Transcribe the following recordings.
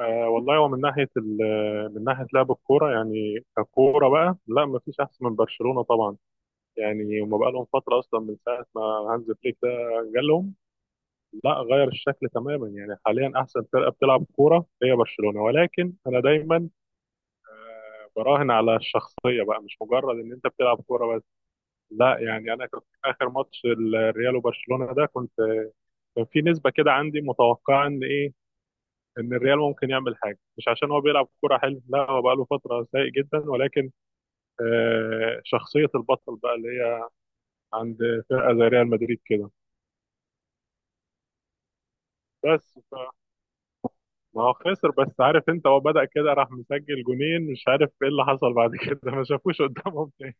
آه والله هو من ناحيه لعب الكوره، يعني ككوره بقى، لا ما فيش احسن من برشلونه طبعا. يعني هما بقى لهم فتره اصلا من ساعه ما هانز فليك ده جالهم، لا غير الشكل تماما. يعني حاليا احسن فرقه بتلعب كوره هي برشلونه، ولكن انا دايما براهن على الشخصيه بقى، مش مجرد ان انت بتلعب كوره بس، لا. يعني انا كنت في اخر ماتش الريال وبرشلونه ده، كنت كان في نسبه كده عندي متوقعه ان ايه، ان الريال ممكن يعمل حاجه، مش عشان هو بيلعب كوره حلو، لا هو بقى له فتره سيء جدا، ولكن شخصيه البطل بقى اللي هي عند فرقه زي ريال مدريد كده. بس ف... ما هو خسر بس، عارف انت، هو بدأ كده راح مسجل جونين، مش عارف ايه اللي حصل بعد كده، ما شافوش قدامهم تاني.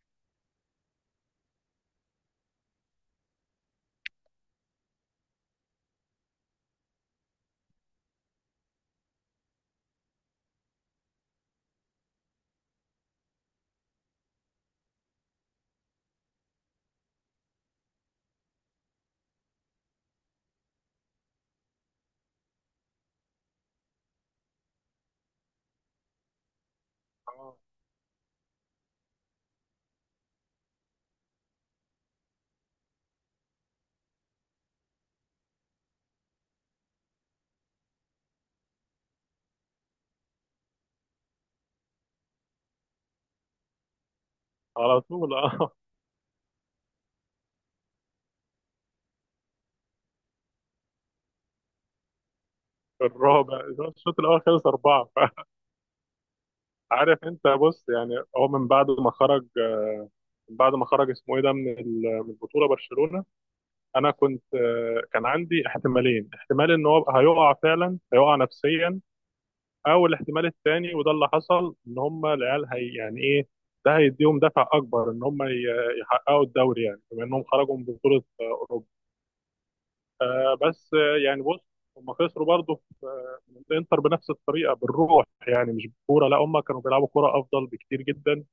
على طول، اه. في الرابع، الشوط الاول خلص اربعه. عارف انت، بص يعني، هو من بعد ما خرج، من بعد ما خرج، اسمه ايه ده، من البطوله برشلونه، انا كنت كان عندي احتمالين: احتمال ان هو هيقع، فعلا هيقع نفسيا، او الاحتمال التاني وده اللي حصل، ان هم العيال هي يعني ايه، ده هيديهم دفع اكبر ان يحققوا الدوري، يعني بما انهم خرجوا من بطوله اوروبا. آه، بس يعني بص، هم خسروا برضه في من الانتر بنفس الطريقه، بالروح يعني مش بالكوره، لا هم كانوا بيلعبوا كوره افضل بكتير جدا،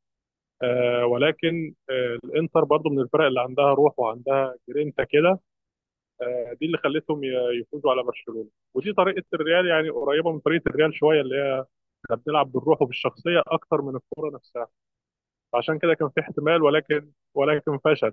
آه. ولكن آه الانتر برضه من الفرق اللي عندها روح وعندها جرينتا كده، آه، دي اللي يفوزوا على برشلونه. ودي طريقه الريال، يعني قريبه من طريقه الريال شويه، اللي هي احنا بنلعب بالروح وبالشخصيه اكتر من الكوره نفسها، عشان كده كان في احتمال، ولكن فشل.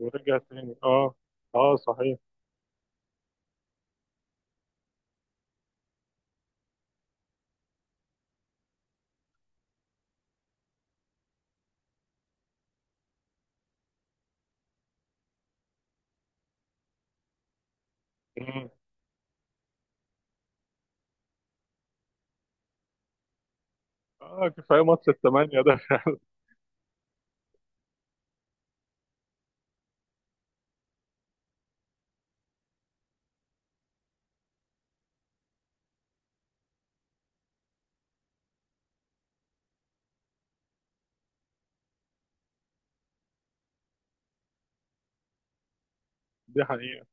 ورجع تاني، اه. اه صحيح. مم. اه كفايه ماتش الثمانيه ده دي حقيقه.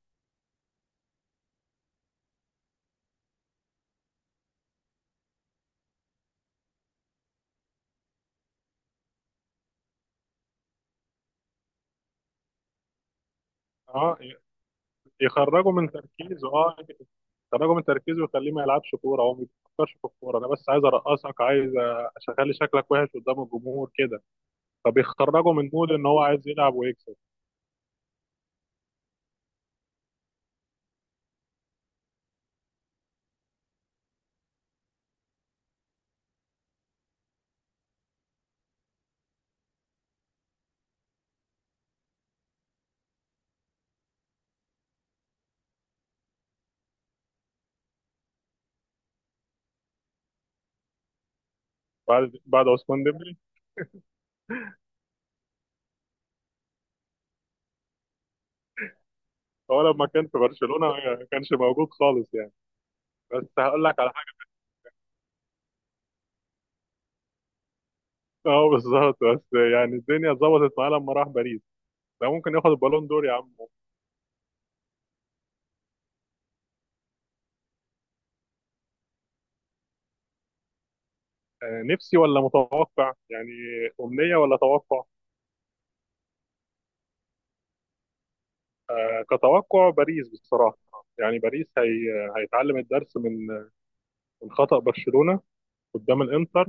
اه، يخرجوا من تركيزه، اه. يخرجوا من تركيزه ويخليه ما يلعبش كوره، هو ما بيفكرش في الكوره، انا بس عايز ارقصك، عايز اخلي شكلك وحش قدام الجمهور كده. فبيخرجوا من مود ان هو عايز يلعب ويكسب. بعد عثمان ديمبلي. هو لما كان في برشلونة ما كانش موجود خالص يعني. بس هقول لك على حاجة، اه بالظبط، بس يعني الدنيا اتظبطت معاه لما راح باريس. ده ممكن ياخد البالون دور يا عم. نفسي ولا متوقع يعني؟ أمنية ولا توقع؟ كتوقع باريس بصراحة. يعني باريس هي هيتعلم الدرس من خطأ برشلونة قدام الانتر.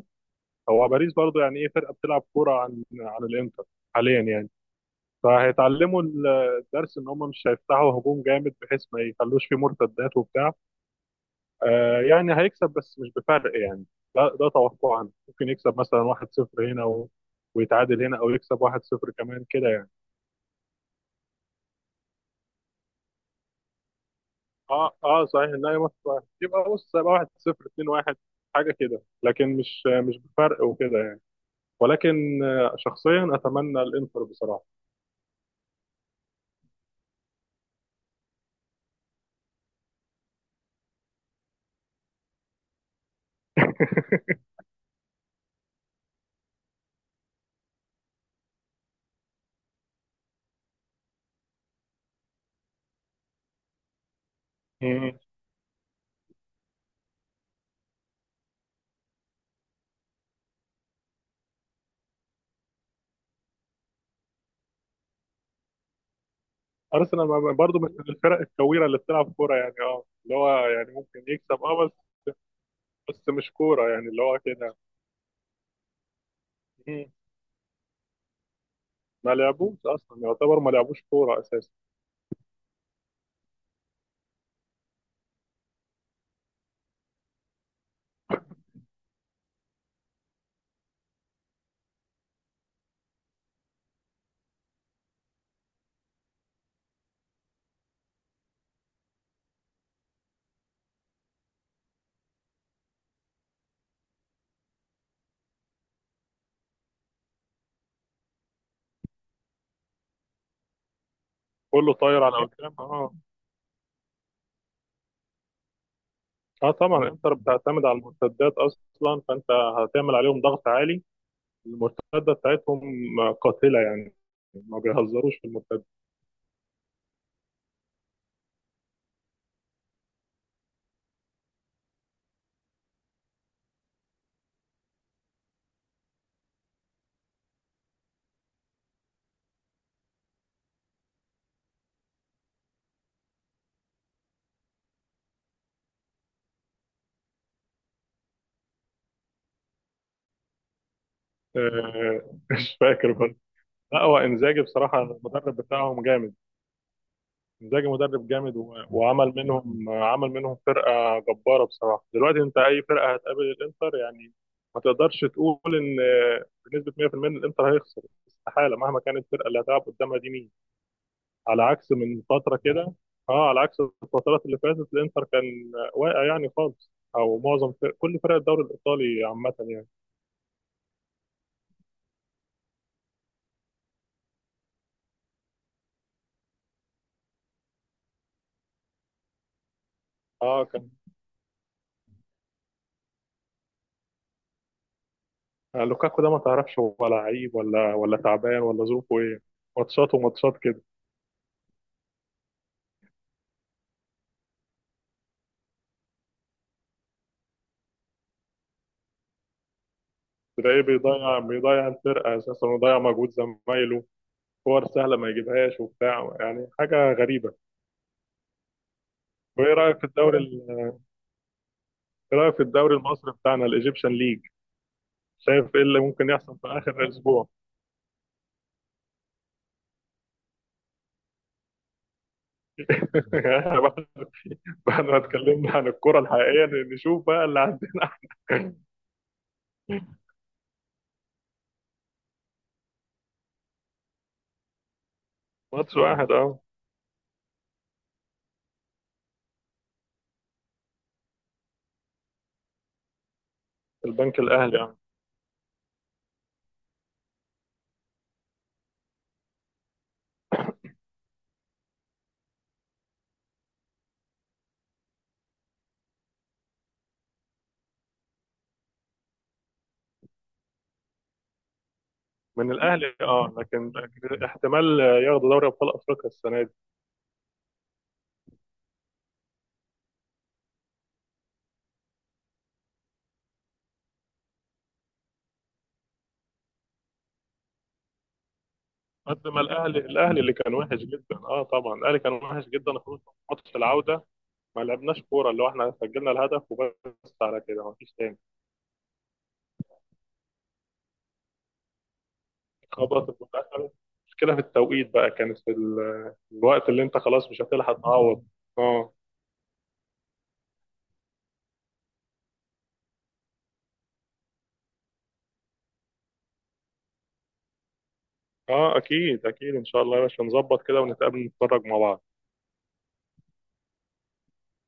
هو باريس برضو يعني ايه، فرقة بتلعب كورة عن الانتر حاليا يعني. فهيتعلموا ال- الدرس ان هم مش هيفتحوا هجوم جامد بحيث ما يخلوش فيه مرتدات وبتاع. آه يعني هيكسب بس مش بفرق يعني، ده توقعنا، ممكن يكسب مثلا 1-0 هنا و... ويتعادل هنا، او يكسب 1-0 كمان كده يعني. اه اه صحيح، لا يا ماتش واحد، يبقى بص يبقى 1-0، 2-1، حاجه كده، لكن مش بفرق وكده يعني. ولكن شخصيا اتمنى الانتر بصراحه. ارسنال، برضه مش من الفرق الكويره اللي بتلعب كوره يعني، اه اللي هو يعني ممكن يكسب، اه، بس بس مش كوره يعني اللي هو كده. مم. ما لعبوش اصلا، يعتبر ما لعبوش كوره اساسا. كله طاير على قدام، اه. اه طبعا انتر بتعتمد على المرتدات اصلا، فانت هتعمل عليهم ضغط عالي. المرتده بتاعتهم قاتله يعني، ما بيهزروش في المرتده. مش فاكر بس. لا هو انزاجي بصراحه، المدرب بتاعهم جامد، انزاجي مدرب جامد وعمل منهم، عمل منهم فرقه جباره بصراحه. دلوقتي انت اي فرقه هتقابل الانتر يعني، ما تقدرش تقول ان بنسبه 100% ان الانتر هيخسر، استحاله، مهما كانت الفرقه اللي هتلعب قدامها دي مين. على عكس من فتره كده، اه، على عكس الفترات اللي فاتت الانتر كان واقع يعني خالص، او معظم فرق، كل فرق الدوري الايطالي عامه يعني. اه كان لوكاكو ده ما تعرفش هو لعيب ولا تعبان، ولا ظروفه ايه. ماتشات وماتشات، تلاقيه بيضيع الفرقة أساسا، ويضيع مجهود زمايله، كور سهلة ما يجيبهاش وبتاع، يعني حاجة غريبة. وإيه رأيك في إيه رأيك في الدوري المصري بتاعنا الإيجيبشن ليج؟ شايف إيه اللي ممكن يحصل في آخر الأسبوع؟ يعني إحنا بعد، ما اتكلمنا عن الكرة الحقيقية نشوف بقى اللي عندنا. ماتش واحد، أه. البنك الأهلي، أه. من الأهلي أه، لكن احتمال ياخدوا دوري أبطال أفريقيا السنة دي. قد ما الأهلي، اللي كان وحش جدا أه، طبعا الأهلي كان وحش جدا خصوصا في ماتش العودة، ما لعبناش كورة، اللي هو احنا سجلنا الهدف وبس، على كده ما فيش تاني. خبطت في الآخر، مشكلة في التوقيت بقى، كانت في الوقت اللي انت خلاص مش هتلحق تعوض. اه اه اكيد اكيد ان شاء الله يا باشا، نظبط كده ونتقابل نتفرج مع بعض.